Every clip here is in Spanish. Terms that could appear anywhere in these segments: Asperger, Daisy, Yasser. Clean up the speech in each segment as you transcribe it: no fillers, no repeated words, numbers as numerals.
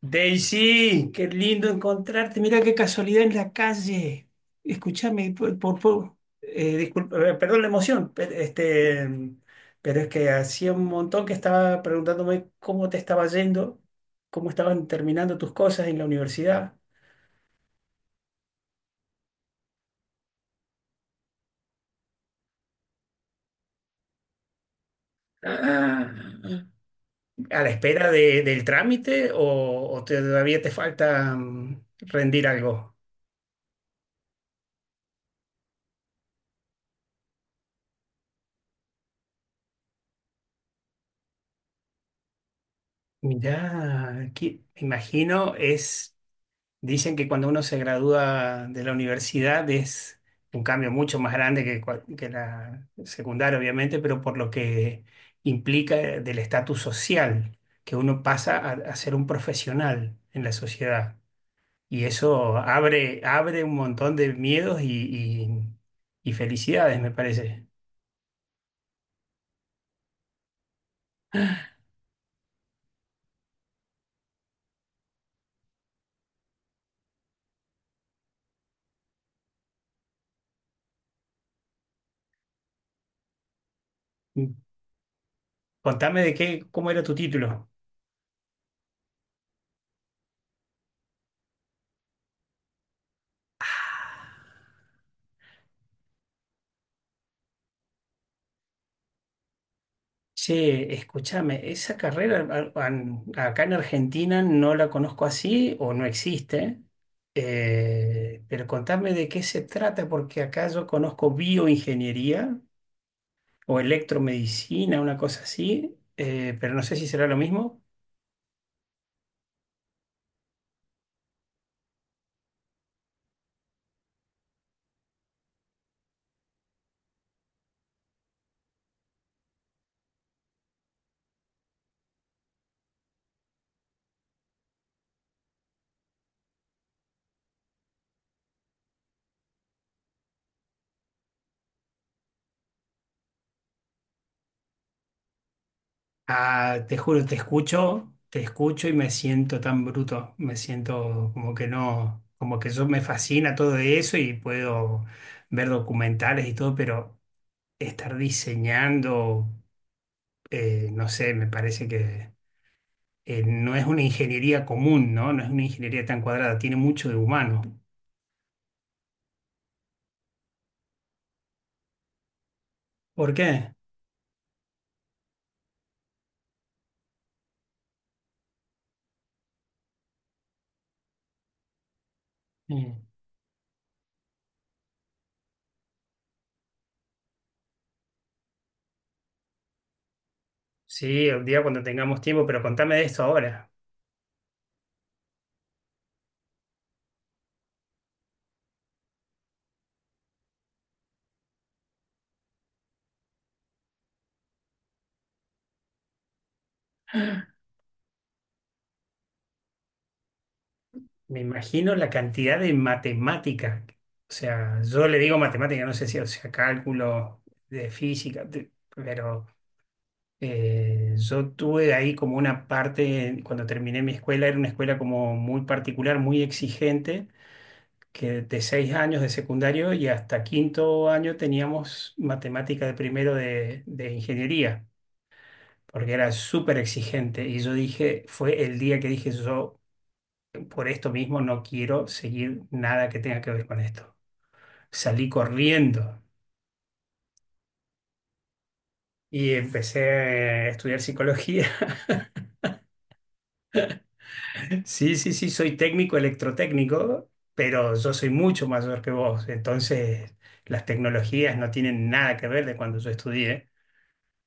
Daisy, qué lindo encontrarte. Mira qué casualidad en la calle. Escúchame, disculpa, perdón la emoción, este, pero es que hacía un montón que estaba preguntándome cómo te estaba yendo, cómo estaban terminando tus cosas en la universidad. Ah, ¿a la espera del trámite , o todavía te falta rendir algo? Mirá, aquí, me imagino es. Dicen que cuando uno se gradúa de la universidad es un cambio mucho más grande que la secundaria, obviamente, pero por lo que implica del estatus social, que uno pasa a ser un profesional en la sociedad. Y eso abre un montón de miedos y- y felicidades, me parece. Mm, Contame de qué, cómo era tu título. Che, escúchame, esa carrera acá en Argentina no la conozco así o no existe, pero contame de qué se trata, porque acá yo conozco bioingeniería o electromedicina, una cosa así, pero no sé si será lo mismo. Ah, te juro, te escucho y me siento tan bruto, me siento como que no, como que yo me fascina todo eso y puedo ver documentales y todo, pero estar diseñando, no sé, me parece que no es una ingeniería común, ¿no? No es una ingeniería tan cuadrada, tiene mucho de humano. ¿Por qué? Mm. Sí, un día cuando tengamos tiempo, pero contame de esto ahora. Me imagino la cantidad de matemática. O sea, yo le digo matemática, no sé si, o sea, cálculo de física, pero yo tuve ahí como una parte, cuando terminé mi escuela, era una escuela como muy particular, muy exigente que de 6 años de secundario y hasta quinto año teníamos matemática de primero de ingeniería, porque era súper exigente. Y yo dije, fue el día que dije, yo por esto mismo no quiero seguir nada que tenga que ver con esto. Salí corriendo. Y empecé a estudiar psicología. Sí, sí, sí, soy técnico electrotécnico, pero yo soy mucho mayor que vos. Entonces, las tecnologías no tienen nada que ver de cuando yo estudié.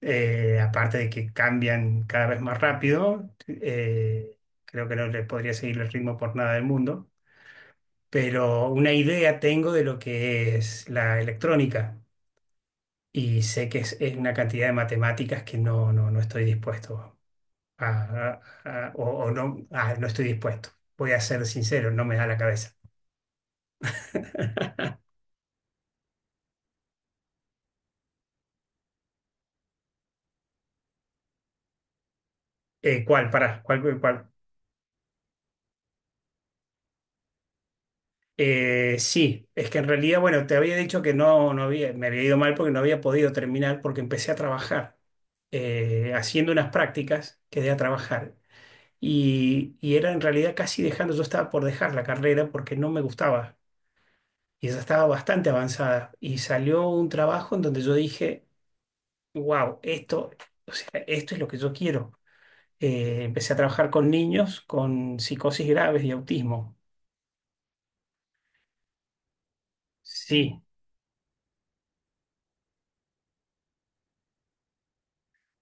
Aparte de que cambian cada vez más rápido, creo que no le podría seguir el ritmo por nada del mundo, pero una idea tengo de lo que es la electrónica y sé que es una cantidad de matemáticas que no estoy dispuesto a, a o no, no estoy dispuesto. Voy a ser sincero, no me da la cabeza. ¿Cuál? Pará, ¿cuál, cuál? Sí, es que en realidad, bueno, te había dicho que no, no había, me había ido mal porque no había podido terminar porque empecé a trabajar haciendo unas prácticas, quedé a trabajar y era en realidad casi dejando, yo estaba por dejar la carrera porque no me gustaba y ya estaba bastante avanzada y salió un trabajo en donde yo dije, wow, esto, o sea, esto es lo que yo quiero. Empecé a trabajar con niños con psicosis graves y autismo. Sí.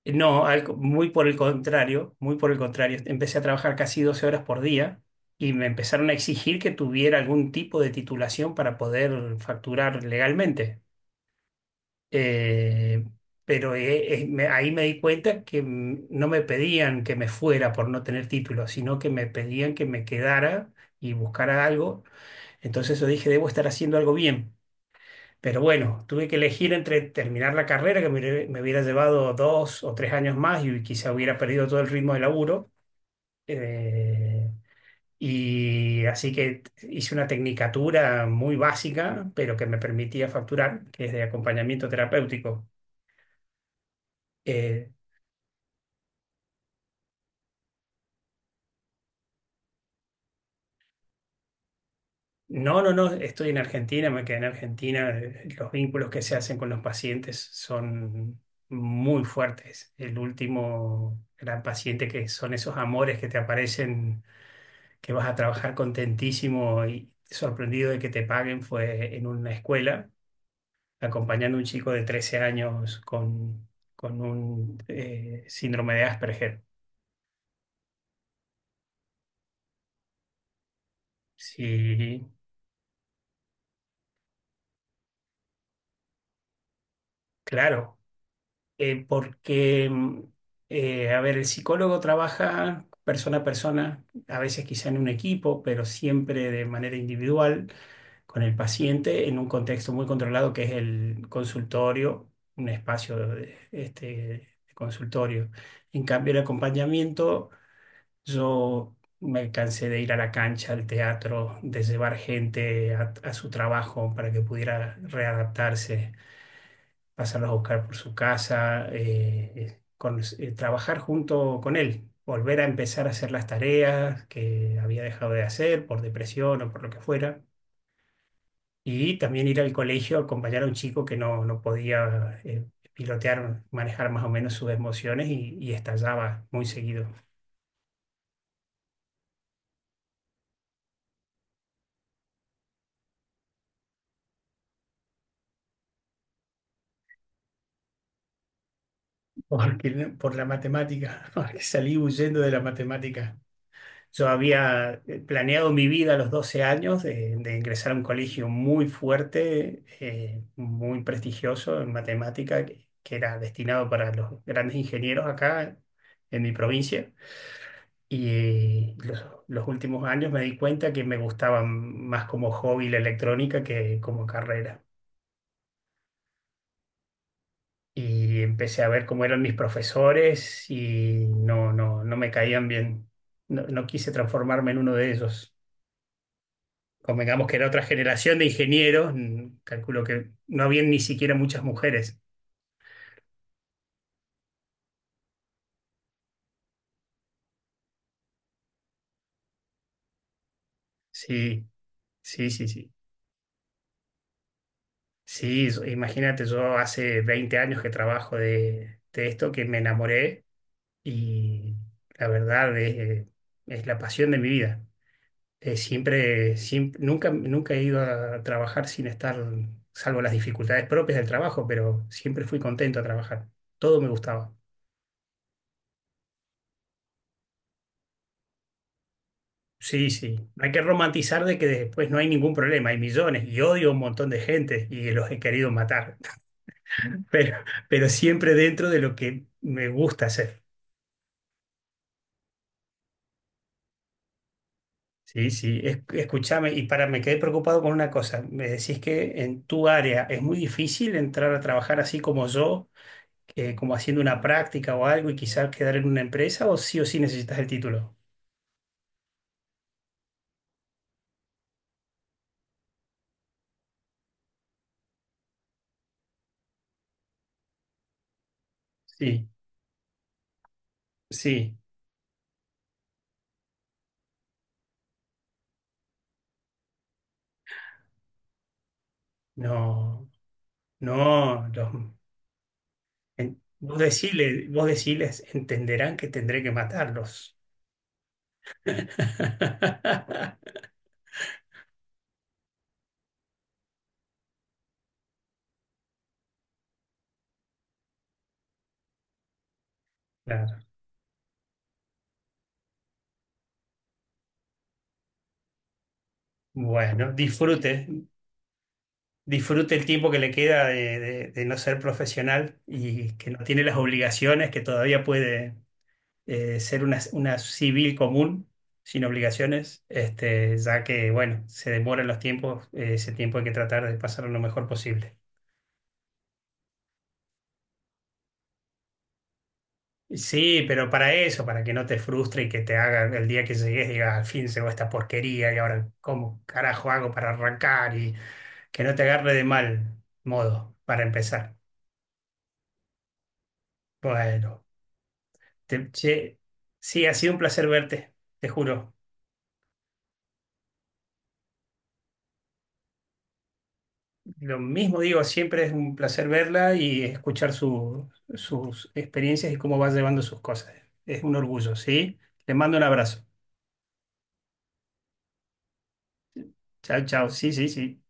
No, muy por el contrario, muy por el contrario. Empecé a trabajar casi 12 horas por día y me empezaron a exigir que tuviera algún tipo de titulación para poder facturar legalmente. Eh, pero ahí me di cuenta que no me pedían que me fuera por no tener título, sino que me pedían que me quedara y buscara algo. Entonces yo dije, debo estar haciendo algo bien. Pero bueno, tuve que elegir entre terminar la carrera, que me hubiera llevado 2 o 3 años más y quizá hubiera perdido todo el ritmo de laburo. Eh, y así que hice una tecnicatura muy básica, pero que me permitía facturar, que es de acompañamiento terapéutico. Eh, no, no, no, estoy en Argentina, me quedé en Argentina. Los vínculos que se hacen con los pacientes son muy fuertes. El último gran paciente que son esos amores que te aparecen que vas a trabajar contentísimo y sorprendido de que te paguen fue en una escuela, acompañando a un chico de 13 años con un síndrome de Asperger. Sí, claro, porque, a ver, el psicólogo trabaja persona a persona, a veces quizá en un equipo, pero siempre de manera individual con el paciente en un contexto muy controlado que es el consultorio, un espacio de consultorio. En cambio, el acompañamiento, yo me cansé de ir a la cancha, al teatro, de llevar gente a su trabajo para que pudiera readaptarse pasarlos a buscar por su casa, trabajar junto con él, volver a empezar a hacer las tareas que había dejado de hacer por depresión o por lo que fuera, y también ir al colegio a acompañar a un chico que no podía pilotear, manejar más o menos sus emociones y estallaba muy seguido. Porque, por la matemática, porque salí huyendo de la matemática. Yo había planeado mi vida a los 12 años de ingresar a un colegio muy fuerte, muy prestigioso en matemática, que era destinado para los grandes ingenieros acá en mi provincia. Y los últimos años me di cuenta que me gustaba más como hobby la electrónica que como carrera. Y empecé a ver cómo eran mis profesores y no me caían bien. No quise transformarme en uno de ellos. Convengamos que era otra generación de ingenieros, calculo que no había ni siquiera muchas mujeres. Sí, sí, sí, sí. Sí, imagínate, yo hace 20 años que trabajo de esto, que me enamoré y la verdad es la pasión de mi vida. Siempre, siempre, nunca, nunca he ido a trabajar sin estar, salvo las dificultades propias del trabajo, pero siempre fui contento a trabajar. Todo me gustaba. Sí, sí. No hay que romantizar de que después no hay ningún problema, hay millones y odio a un montón de gente y los he querido matar, pero, pero siempre dentro de lo que me gusta hacer. Sí, sí. Escúchame, y para, me quedé preocupado con una cosa. Me decís que en tu área es muy difícil entrar a trabajar así como yo, como haciendo una práctica o algo y quizás quedar en una empresa o sí necesitas el título. Sí, sí. No, no, vos vos deciles, entenderán que tendré que matarlos. Claro. Bueno, disfrute, disfrute el tiempo que le queda de no ser profesional y que no tiene las obligaciones, que todavía puede ser una civil común sin obligaciones, este, ya que, bueno, se demoran los tiempos, ese tiempo hay que tratar de pasarlo lo mejor posible. Sí, pero para eso, para que no te frustre y que te haga el día que llegues, digas, al fin se llegó esta porquería y ahora, ¿cómo carajo hago para arrancar? Y que no te agarre de mal modo para empezar. Bueno, che, sí, ha sido un placer verte, te juro. Lo mismo digo, siempre es un placer verla y escuchar sus experiencias y cómo va llevando sus cosas. Es un orgullo, ¿sí? Te mando un abrazo. Chao, chao. Sí, sí, sí.